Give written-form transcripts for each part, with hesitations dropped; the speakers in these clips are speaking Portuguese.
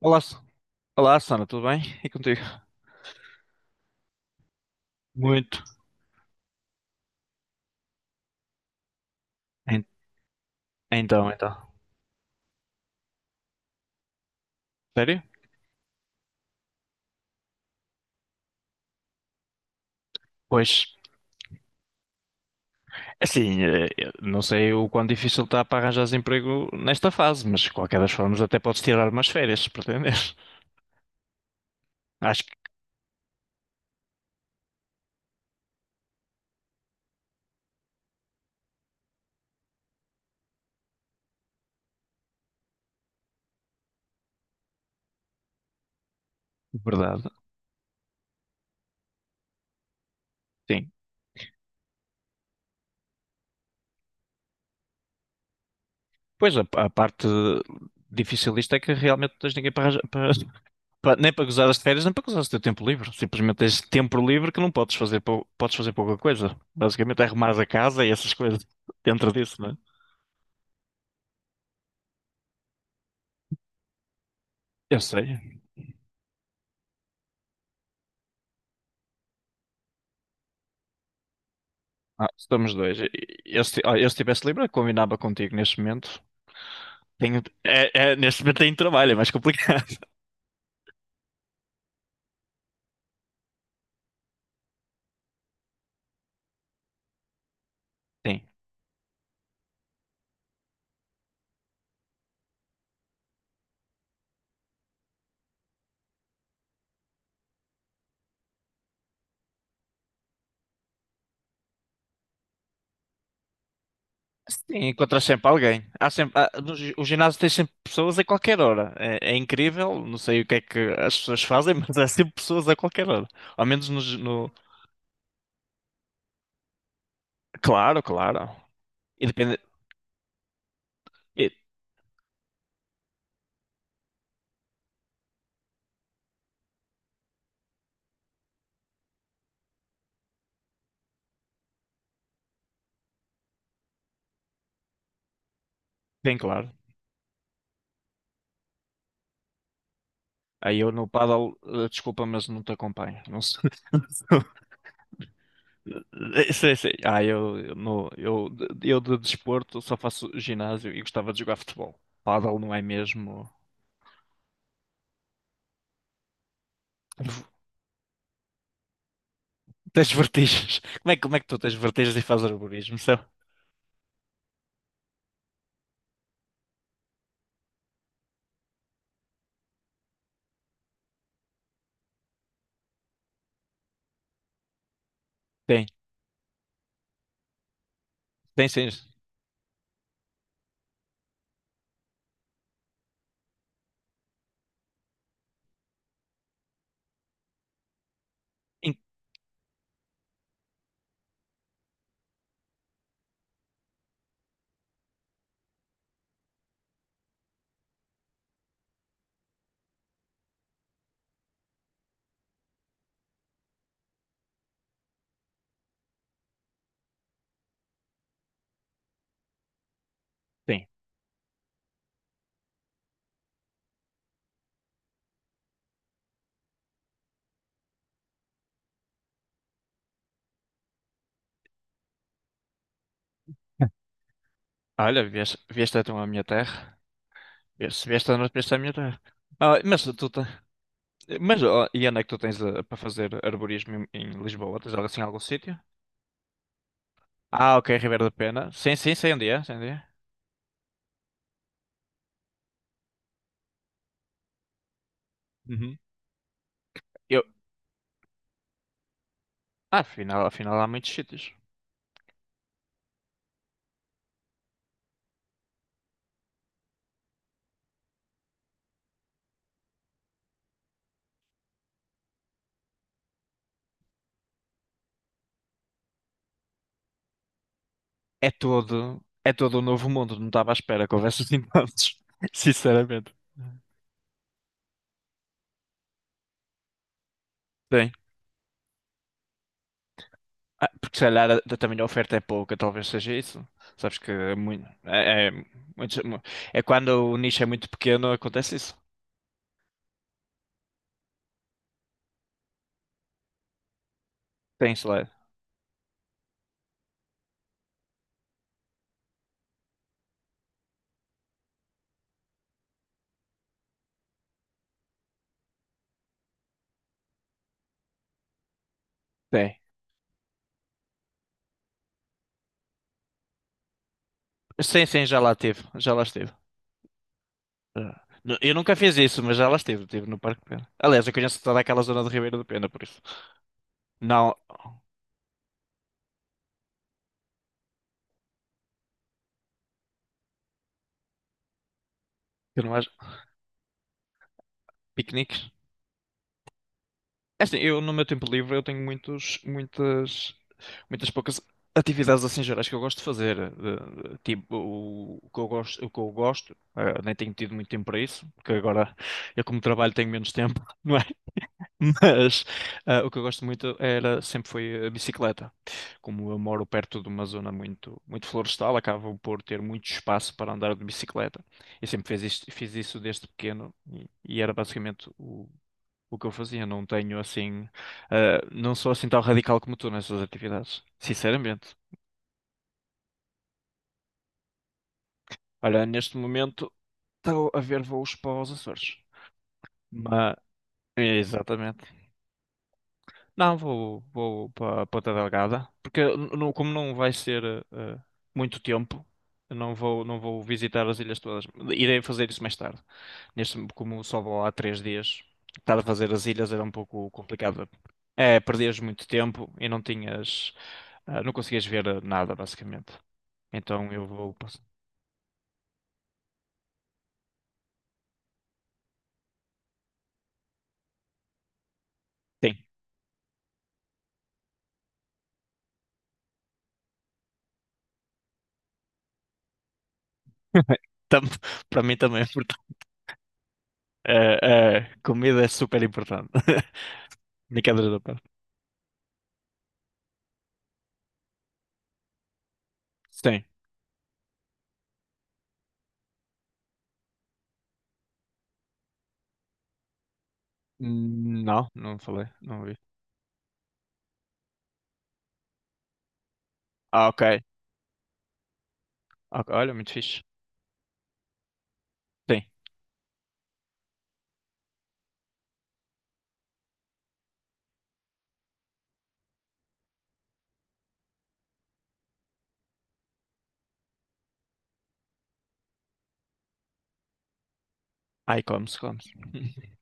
Olá, S- Olá, Sana. Tudo bem? E contigo? Muito. En- Então, então. Sério? Pois, é assim, eu não sei o quão difícil está para arranjar emprego nesta fase, mas de qualquer das formas até podes tirar umas férias, se pretenderes. Acho que, é verdade, sim. Pois, a parte difícil disto é que realmente não tens ninguém nem para gozar as férias, nem para gozar o teu tempo livre. Simplesmente tens tempo livre que não podes fazer, podes fazer pouca coisa. Basicamente é arrumar a casa e essas coisas dentro disso, não é? Eu sei. Ah, estamos dois. Eu, se- Olha, eu se estivesse livre, eu combinava contigo neste momento. Tenho, neste momento tenho trabalho, é mais complicado. Sim. Sim, encontras sempre alguém. Há sempre, há- no gi- o ginásio tem sempre pessoas a qualquer hora. É incrível, não sei o que é que as pessoas fazem, mas há sempre pessoas a qualquer hora. Ao menos no, gi- no-. Claro, claro. E-. Bem claro. Aí eu no paddle, desculpa, mas não te acompanho. Não sei. Sei, sei. Ah, eu no, eu de desporto só faço ginásio e gostava de jogar futebol. Paddle não é mesmo. Tens vertigens. Como é que tu tens vertigens e fazes arborismo? Tem, tem sim. In-. Tem. Olha, vieste então à minha terra. Vieste à noite, vieste à minha terra. Ah, mas ó, e onde é que tu tens para fazer arborismo em, Lisboa? Tens assim algum sítio? Ah, ok, Ribeiro da Pena. Sim, sim, sei onde é, sei onde é. Uhum. Eu... Ah, afinal há muitos sítios. É todo um novo mundo, não estava à espera que houvesse assim tantos, sinceramente. Sim. Ah, porque se calhar também a oferta é pouca, talvez seja isso. Sabes que é muito, muitos- mu- é quando o nicho é muito pequeno, acontece isso. Tem slide. Tem. Sim, sim, já lá teve, já lá esteve. Já. Eu nunca fiz isso, mas já lá esteve, estive no Parque de Pena. Aliás, eu conheço toda aquela zona do Ribeiro do Pena, por isso. Não, eu não acho piqueniques. É assim, eu no meu tempo livre eu tenho muitos, muitas, muitas poucas atividades assim gerais que eu gosto de fazer. Tipo, o que eu gosto, nem tenho tido muito tempo para isso, porque agora eu como trabalho tenho menos tempo, não é? Mas o que eu gosto muito era sempre foi a bicicleta. Como eu moro perto de uma zona muito muito florestal, acabo por ter muito espaço para andar de bicicleta. Eu sempre fiz isto, fiz isso desde pequeno e era basicamente o que eu fazia. Não tenho assim, não sou assim tão radical como tu nessas atividades, sinceramente. Olha, neste momento estou a ver voos para os Açores. Mas, exatamente. Não, vou para Ponta Delgada, porque como não vai ser eh, muito tempo, eu não vou visitar as ilhas todas. Irei fazer isso mais tarde. Neste, como só vou há 3 dias, estar a fazer as ilhas era um pouco complicado. É, perdias muito tempo e não tinhas, não conseguias ver nada, basicamente. Então eu vou. Pass-. Sim. Tam- Para mim também é importante. Eh, Comida é super importante. Brincadeiras da parte. Sim. Não, não falei, não vi. Ah, ok. Ok, olha, muito fixe. Sim. Ai, come-se, come-se.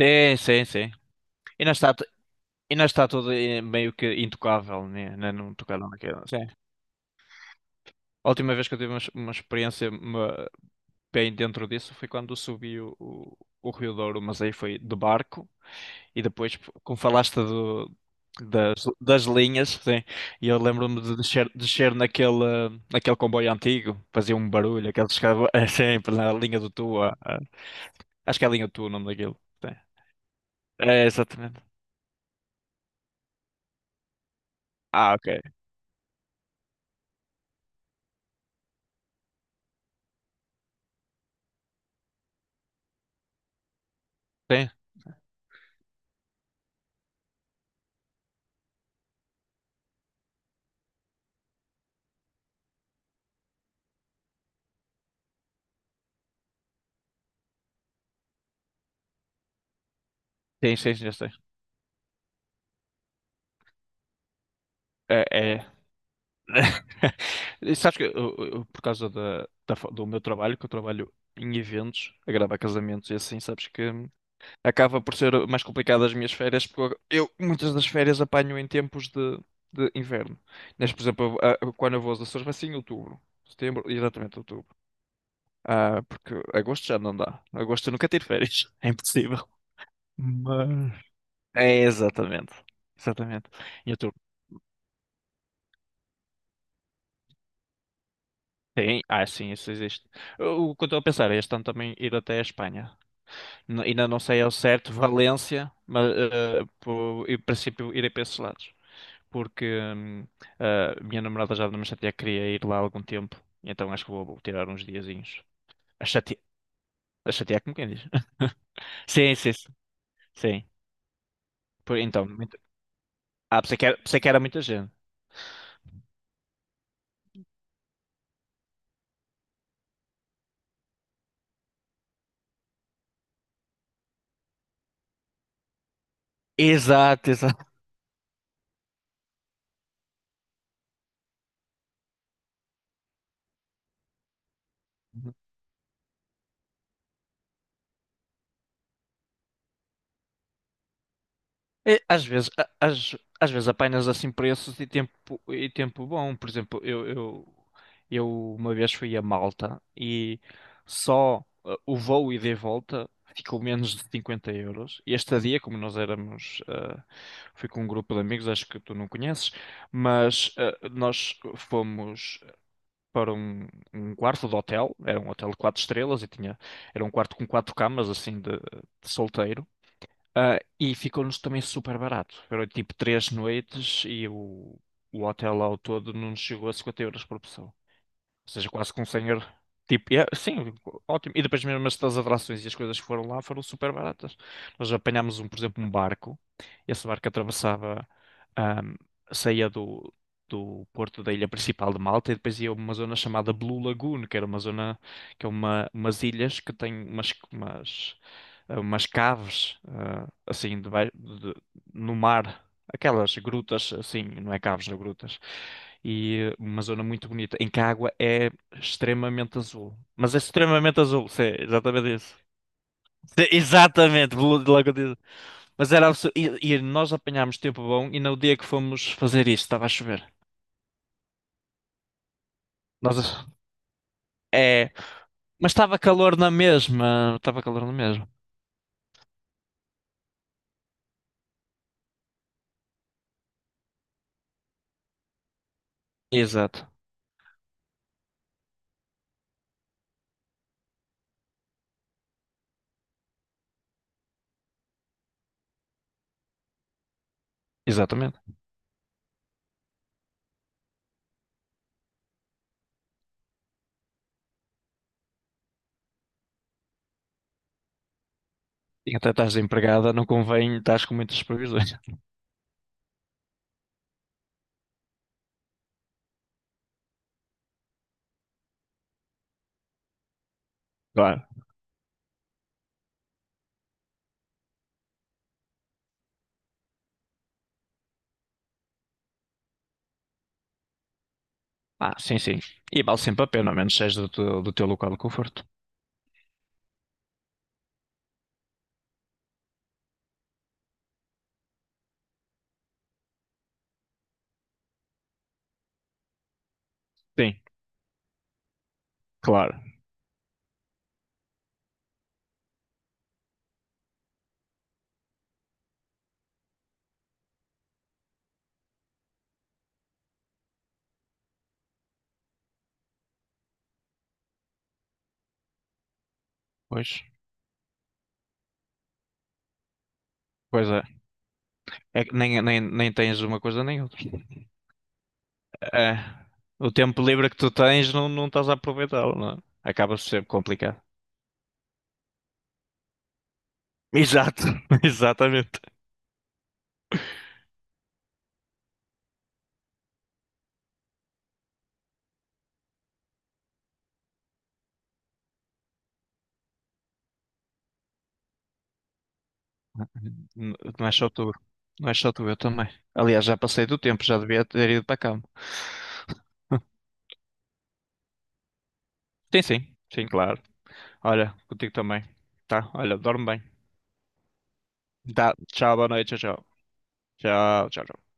Sim, sim, sim. E não está, e não está, tudo meio que intocável, né? Não, é não tocaram naquilo. Sim. A última vez que eu tive uma experiência bem dentro disso foi quando subi o, o Rio Douro, mas aí foi de barco. E depois, tipo, como falaste das linhas, sim, e eu lembro-me de descer naquele comboio antigo, fazia um barulho, aqueles que é sempre na linha do Tua. Acho que é a linha do Tua o nome daquilo. Sim. É, exatamente. Ah, ok. Sim, sim, sim, já sei. É, é. E sabes que, por causa do meu trabalho, que eu trabalho em eventos, a gravar casamentos e assim, sabes que acaba por ser mais complicado as minhas férias, porque eu muitas das férias apanho em tempos de inverno. Neste, por exemplo, quando eu vou aos Açores vai ser em outubro, setembro, exatamente outubro. Ah, porque agosto já não dá. Agosto eu nunca tiro férias, é impossível. Mas... É, exatamente. Exatamente. Em outubro. Tem, ah, sim, isso existe. O que eu estou a pensar é este ano também ir até a Espanha. Ainda não sei ao certo Valência, mas em princípio irei para esses lados. Porque a minha namorada já me chateia que queria ir lá há algum tempo, então acho que vou tirar uns diazinhos. A chatear, a chatear como quem diz. Sim, sim, sim. Sim. Então, muito... pensei que era muita gente. Exato, exato. É, às vezes, às vezes apenas assim preços e tempo bom. Por exemplo, eu uma vez fui a Malta e só o voo ida e volta ficou menos de 50 euros. E esta dia, como nós éramos, fui com um grupo de amigos, acho que tu não conheces, mas nós fomos para um, quarto de hotel, era um hotel de 4 estrelas e tinha, era um quarto com 4 camas, assim, de solteiro. Ah, e ficou-nos também super barato. Foram tipo 3 noites e o hotel ao todo não nos chegou a 50€ por pessoa. Ou seja, quase com um senhor. Tipo, é sim, ótimo. E depois mesmo as das atrações e as coisas que foram lá foram super baratas. Nós apanhámos um, por exemplo, um barco. Esse barco atravessava, ahm, saía do porto da ilha principal de Malta e depois ia a uma zona chamada Blue Lagoon, que era uma zona, que é uma, umas ilhas que têm umas caves, assim, no mar aquelas grutas, assim, não é caves, não grutas. E uma zona muito bonita, em que a água é extremamente azul. Mas é extremamente azul, sim, exatamente isso. Sim, exatamente, de logo diz. Mas era absurdo. E nós apanhámos tempo bom e no dia que fomos fazer isso estava a chover. Nós, é, mas estava calor na mesma, estava calor na mesma. Exato, exatamente. E até estás desempregada, não convém, estás com muitas previsões. Ah, sim, sim. E vale sempre a pena, a menos seja do teu local de conforto. Sim, claro. Pois, pois é. É que nem tens uma coisa nem outra. É, o tempo livre que tu tens não estás a aproveitá-lo, não é? Acaba-se sempre complicado. Exato, exatamente. Não é só tu. Não é só tu, eu também. Aliás, já passei do tempo, já devia ter ido para a cama. Sim, sim, sim, claro. Olha, contigo também. Tá? Olha, dorme bem. Tá, tchau, boa noite, tchau, tchau. Tchau, tchau. Tchau.